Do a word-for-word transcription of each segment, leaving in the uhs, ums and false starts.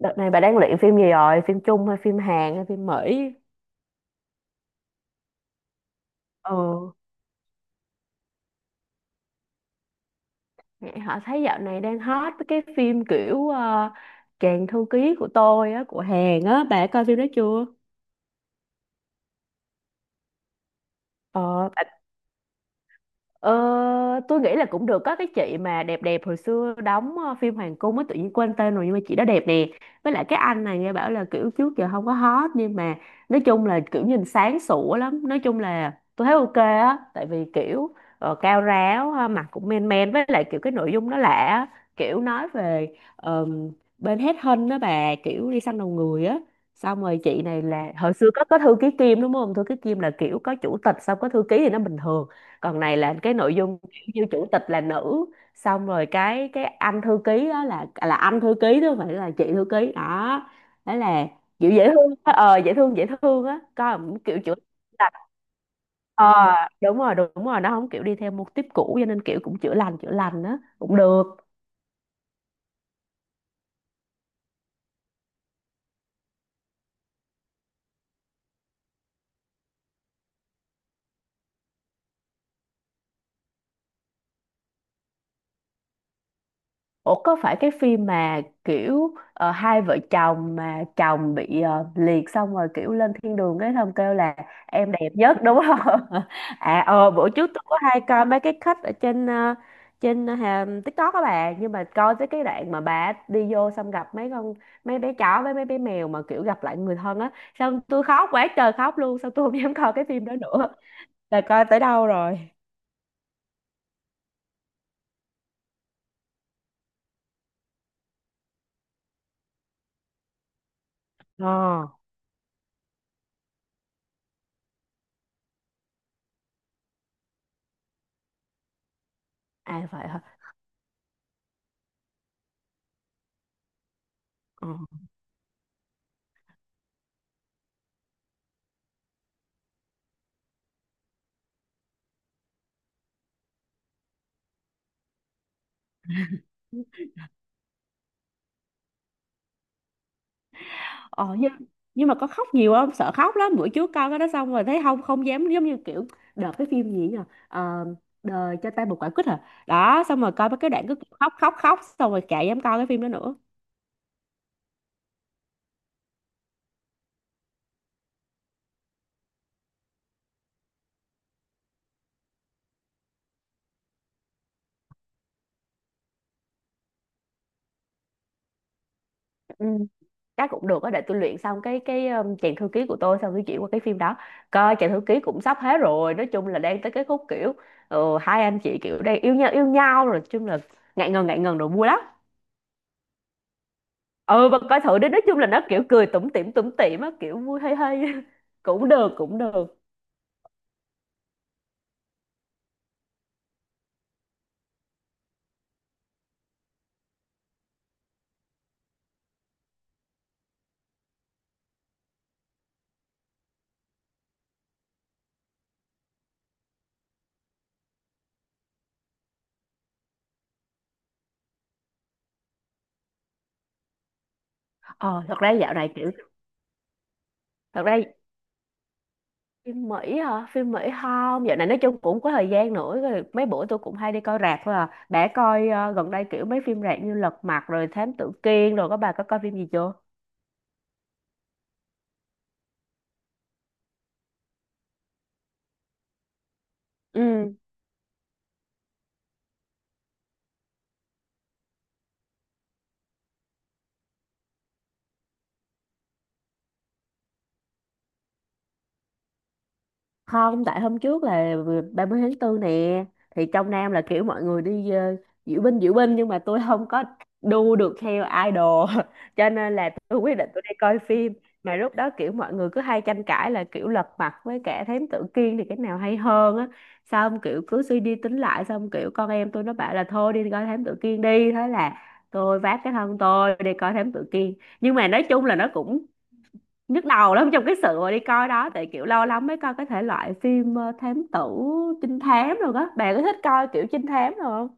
Đợt này bà đang luyện phim gì rồi? Phim Trung hay phim Hàn hay phim Mỹ? Ừ, nghe họ thấy dạo này đang hot với cái phim kiểu ờ, Chàng thư ký của tôi á, của Hàn á. Bà coi phim đó chưa? Ờ, Ờ, tôi nghĩ là cũng được, có cái chị mà đẹp đẹp hồi xưa đóng ờ, phim Hoàng Cung á, tự nhiên quên tên rồi nhưng mà chị đó đẹp nè. Với lại cái anh này nghe bảo là kiểu trước giờ không có hot nhưng mà nói chung là kiểu nhìn sáng sủa lắm, nói chung là tôi thấy ok á, tại vì kiểu ờ, cao ráo ha, mặt cũng men men, với lại kiểu cái nội dung nó lạ á. Kiểu nói về ờm, bên hết hân đó bà, kiểu đi săn đầu người á. Xong rồi chị này là hồi xưa có có thư ký Kim đúng không, thư ký Kim là kiểu có chủ tịch xong có thư ký thì nó bình thường, còn này là cái nội dung kiểu như chủ tịch là nữ, xong rồi cái cái anh thư ký đó là là anh thư ký chứ không phải là chị thư ký đó. Đó là kiểu dễ thương á, ờ dễ thương dễ thương á, coi cũng kiểu chữa là ờ, đúng rồi đúng rồi, nó không kiểu đi theo mô típ cũ, cho nên kiểu cũng chữa lành chữa lành á, cũng được. Ủa có phải cái phim mà kiểu ờ, hai vợ chồng mà chồng bị ờ, liệt xong rồi kiểu lên thiên đường cái xong kêu là em đẹp nhất đúng không? À ờ bữa trước tôi có hay coi mấy cái cut ở trên ờ, trên ờ, TikTok các bạn, nhưng mà coi tới cái đoạn mà bà đi vô xong gặp mấy con mấy bé chó với mấy bé mèo mà kiểu gặp lại người thân á, xong tôi khóc quá trời khóc luôn, xong tôi không dám coi cái phim đó nữa là coi tới đâu rồi. Ờ, à vậy hả? Ờ. Ờ nhưng, nhưng mà có khóc nhiều không? Sợ khóc lắm. Bữa trước coi cái đó xong rồi thấy không, không dám, giống như kiểu đợt cái phim gì nhờ. Ờ, đời cho ta một quả quýt à. Đó xong rồi coi mấy cái đoạn cứ khóc khóc khóc xong rồi chả dám coi cái phim đó nữa. Ừ, chắc cũng được á, để tôi luyện xong cái cái um, chàng thư ký của tôi xong tôi chuyển qua cái phim đó. Coi chàng thư ký cũng sắp hết rồi, nói chung là đang tới cái khúc kiểu ờ, hai anh chị kiểu đang yêu nhau yêu nhau rồi, nói chung là ngại ngần ngại ngần rồi vui lắm. Ừ bà coi thử đi, nói chung là nó kiểu cười tủm tỉm tủm tỉm á, kiểu vui hay hay. Cũng được cũng được. Ờ thật ra dạo này kiểu thật ra phim Mỹ hả, phim Mỹ không, dạo này nói chung cũng có thời gian nữa rồi, mấy bữa tôi cũng hay đi coi rạp thôi à. Đã coi ờ, gần đây kiểu mấy phim rạp như Lật Mặt rồi Thám Tử Kiên rồi, có bà có coi phim gì chưa? Ừ, không, tại hôm trước là ba mươi tháng tư nè, thì trong Nam là kiểu mọi người đi ờ, diễu binh diễu binh nhưng mà tôi không có đu được theo idol cho nên là tôi quyết định tôi đi coi phim, mà lúc đó kiểu mọi người cứ hay tranh cãi là kiểu Lật Mặt với cả Thám Tử Kiên thì cái nào hay hơn á, xong kiểu cứ suy đi tính lại xong kiểu con em tôi nó bảo là thôi đi coi Thám Tử Kiên đi, thế là tôi vác cái thân tôi đi coi Thám Tử Kiên. Nhưng mà nói chung là nó cũng nhức đầu lắm trong cái sự mà đi coi đó, tại kiểu lâu lắm mới coi cái thể loại phim ờ, thám tử trinh thám rồi đó, bạn có thích coi kiểu trinh thám rồi không?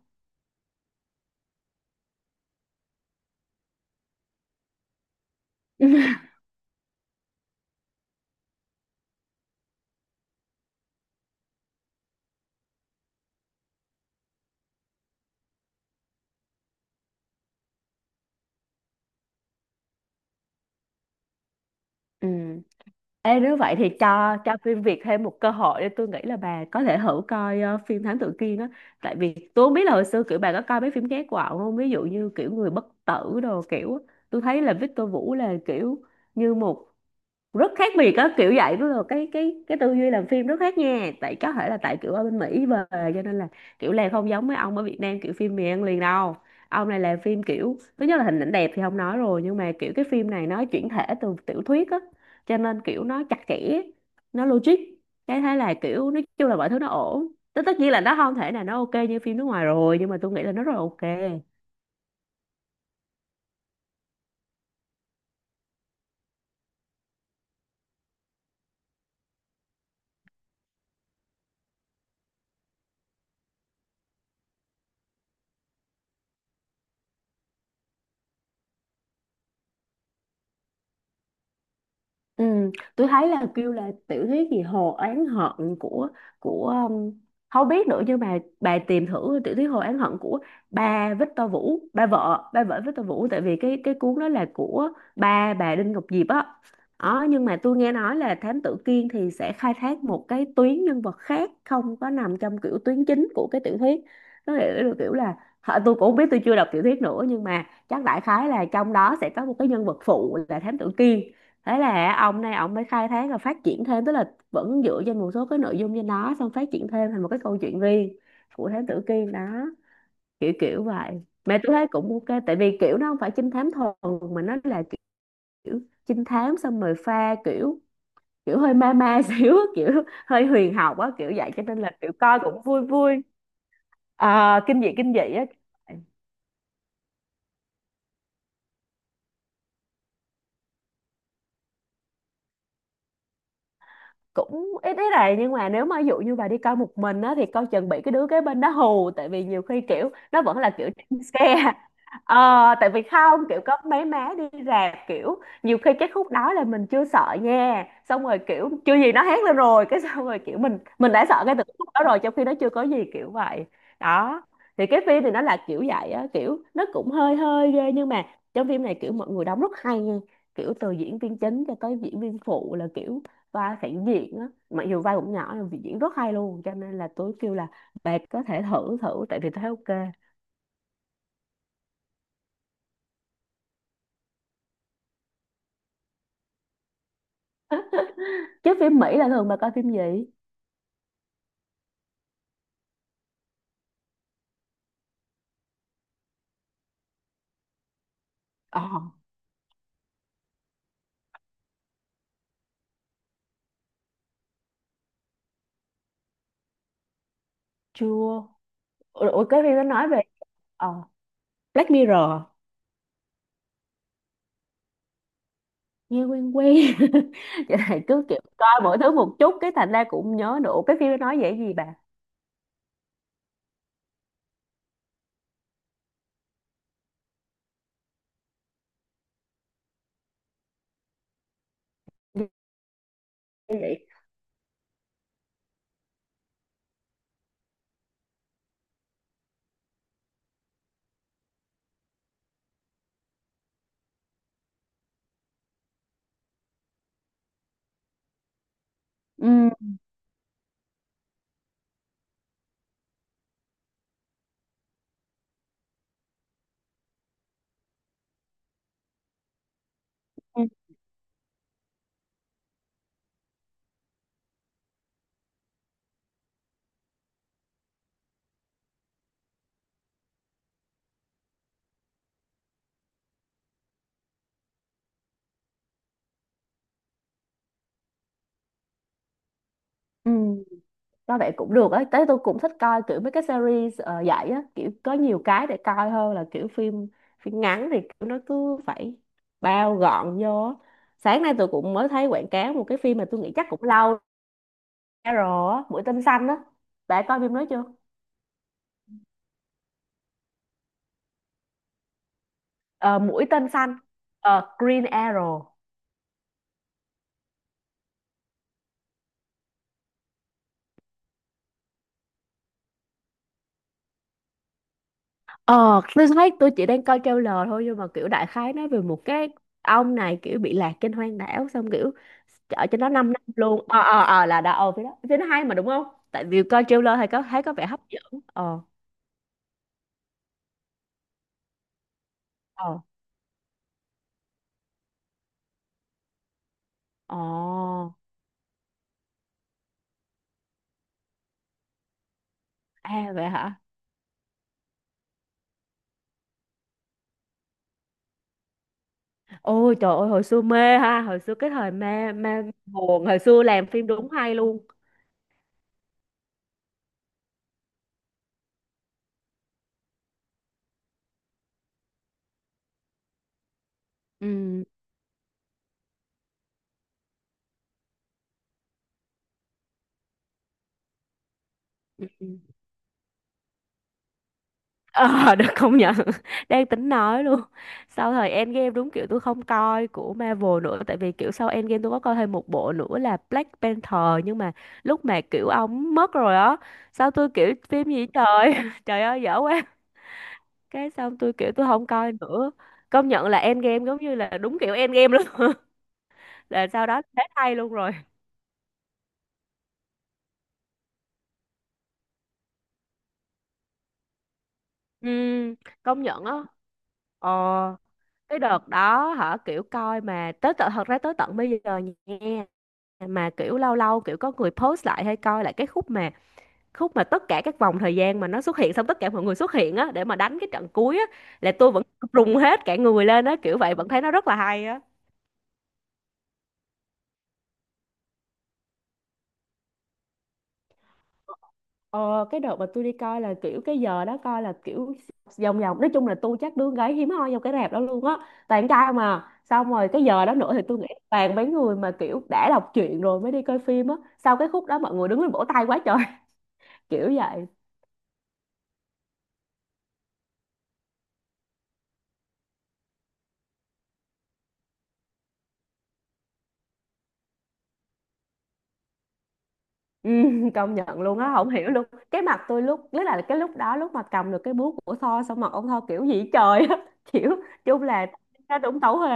Ừ, ê, nếu vậy thì cho cho phim Việt thêm một cơ hội, để tôi nghĩ là bà có thể thử coi ờ, phim Thám Tử Kiên á. Tại vì tôi không biết là hồi xưa kiểu bà có coi mấy phim ghét của ổng không, ví dụ như kiểu Người Bất Tử đồ kiểu á. Tôi thấy là Victor Vũ là kiểu như một rất khác biệt á, kiểu vậy đó, là cái cái cái tư duy làm phim rất khác nha, tại có thể là tại kiểu ở bên Mỹ về cho nên là kiểu làm không giống mấy ông ở Việt Nam kiểu phim mì ăn liền đâu. Ông này làm phim kiểu thứ nhất là hình ảnh đẹp thì không nói rồi, nhưng mà kiểu cái phim này nó chuyển thể từ tiểu thuyết á, cho nên kiểu nó chặt chẽ, nó logic. Cái thế là kiểu nói chung là mọi thứ nó ổn, tất tất nhiên là nó không thể nào nó ok như phim nước ngoài rồi, nhưng mà tôi nghĩ là nó rất là ok. Ừ, tôi thấy là kêu là tiểu thuyết gì Hồ Oán Hận của của um, không biết nữa, nhưng mà bà tìm thử tiểu thuyết Hồ Oán Hận của ba Victor Vũ, ba vợ ba vợ Victor Vũ, tại vì cái cái cuốn đó là của ba bà Đinh Ngọc Diệp á đó. Nhưng mà tôi nghe nói là Thám Tử Kiên thì sẽ khai thác một cái tuyến nhân vật khác, không có nằm trong kiểu tuyến chính của cái tiểu thuyết. Nó là là kiểu là hả, tôi cũng không biết, tôi chưa đọc tiểu thuyết nữa, nhưng mà chắc đại khái là trong đó sẽ có một cái nhân vật phụ là Thám Tử Kiên, thế là ông này ông mới khai thác và phát triển thêm, tức là vẫn dựa trên một số cái nội dung trên đó xong phát triển thêm thành một cái câu chuyện riêng của thám tử Kiên đó, kiểu kiểu vậy. Mà tôi thấy cũng ok tại vì kiểu nó không phải trinh thám thuần, mà nó là kiểu trinh thám xong rồi pha kiểu kiểu hơi ma ma xíu, kiểu hơi huyền học á, kiểu vậy, cho nên là kiểu coi cũng vui vui. À, kinh dị kinh dị á, cũng ít ít này, nhưng mà nếu mà ví dụ như bà đi coi một mình á thì coi chừng bị cái đứa kế bên đó hù, tại vì nhiều khi kiểu nó vẫn là kiểu jump scare. Ờ tại vì không kiểu có mấy má đi rạp kiểu nhiều khi cái khúc đó là mình chưa sợ nha, xong rồi kiểu chưa gì nó hét lên rồi cái xong rồi kiểu mình mình đã sợ ngay từ cái khúc đó rồi, trong khi nó chưa có gì kiểu vậy đó. Thì cái phim thì nó là kiểu vậy á, kiểu nó cũng hơi hơi ghê nhưng mà trong phim này kiểu mọi người đóng rất hay nha, kiểu từ diễn viên chính cho tới diễn viên phụ là kiểu vai phản diện á, mặc dù vai cũng nhỏ nhưng diễn rất hay luôn, cho nên là tôi kêu là bà có thể thử thử, tại vì tôi thấy ok. Chứ phim Mỹ là thường bà coi phim gì? Ờ chưa, ủa cái phim nó nói về ờ Black Mirror, nghe quen quen. Vậy này cứ kiểu coi mỗi thứ một chút cái thành ra cũng nhớ được. Ủa, cái phim nó nói về cái gì bà? Như vậy ừ ừ ừ. Coi vậy cũng được ấy, tới tôi cũng thích coi kiểu mấy cái series ờ, vậy á, kiểu có nhiều cái để coi hơn là kiểu phim, phim ngắn thì kiểu nó cứ phải bao gọn vô á. Sáng nay tôi cũng mới thấy quảng cáo một cái phim mà tôi nghĩ chắc cũng lâu ra rồi á, Mũi Tên Xanh á. Bạn coi phim đó chưa? Ờ, Mũi Tên Xanh, ờ, Green Arrow. Ờ, tôi thấy tôi chỉ đang coi trailer thôi nhưng mà kiểu đại khái nói về một cái ông này kiểu bị lạc trên hoang đảo xong kiểu ở trên đó 5 năm luôn. Ờ ờ ờ là đã ờ phía đó. Phía nó hay mà đúng không? Tại vì coi trailer thì có thấy có vẻ hấp dẫn. Ờ ờ ờ à vậy hả? Ôi trời ơi hồi xưa mê ha, hồi xưa cái thời mê mê buồn, hồi xưa làm phim đúng hay luôn. Ừ. Ừ, ừ. Ờ, được công nhận. Đang tính nói luôn. Sau thời Endgame đúng kiểu tôi không coi của Marvel nữa. Tại vì kiểu sau Endgame tôi có coi thêm một bộ nữa là Black Panther. Nhưng mà lúc mà kiểu ông mất rồi á. Sao tôi kiểu phim gì trời. Trời ơi dở quá. Cái xong tôi kiểu tôi không coi nữa. Công nhận là Endgame giống như là đúng kiểu Endgame luôn. Là sau đó thế hay luôn rồi. Ừ, công nhận á. Ờ, cái đợt đó hả kiểu coi mà tới tận thật ra tới tận bây giờ nha, mà kiểu lâu lâu kiểu có người post lại hay coi lại cái khúc mà khúc mà tất cả các vòng thời gian mà nó xuất hiện, xong tất cả mọi người xuất hiện á để mà đánh cái trận cuối á, là tôi vẫn rùng hết cả người lên á, kiểu vậy vẫn thấy nó rất là hay á. Ờ, cái đợt mà tôi đi coi là kiểu cái giờ đó coi là kiểu vòng vòng, nói chung là tôi chắc đứa gái hiếm hoi trong cái rạp đó luôn á, toàn trai mà, xong rồi cái giờ đó nữa thì tôi nghĩ toàn mấy người mà kiểu đã đọc truyện rồi mới đi coi phim á, sau cái khúc đó mọi người đứng lên vỗ tay quá trời kiểu vậy. Ừ, công nhận luôn á, không hiểu luôn cái mặt tôi lúc, tức là cái lúc đó lúc mà cầm được cái búa của Thor xong mặt ông Thor kiểu gì trời á kiểu chung là nó đúng tấu hề.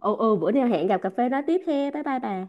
Ồ ồ bữa nào hẹn gặp cà phê nói tiếp he. Bye bye bà.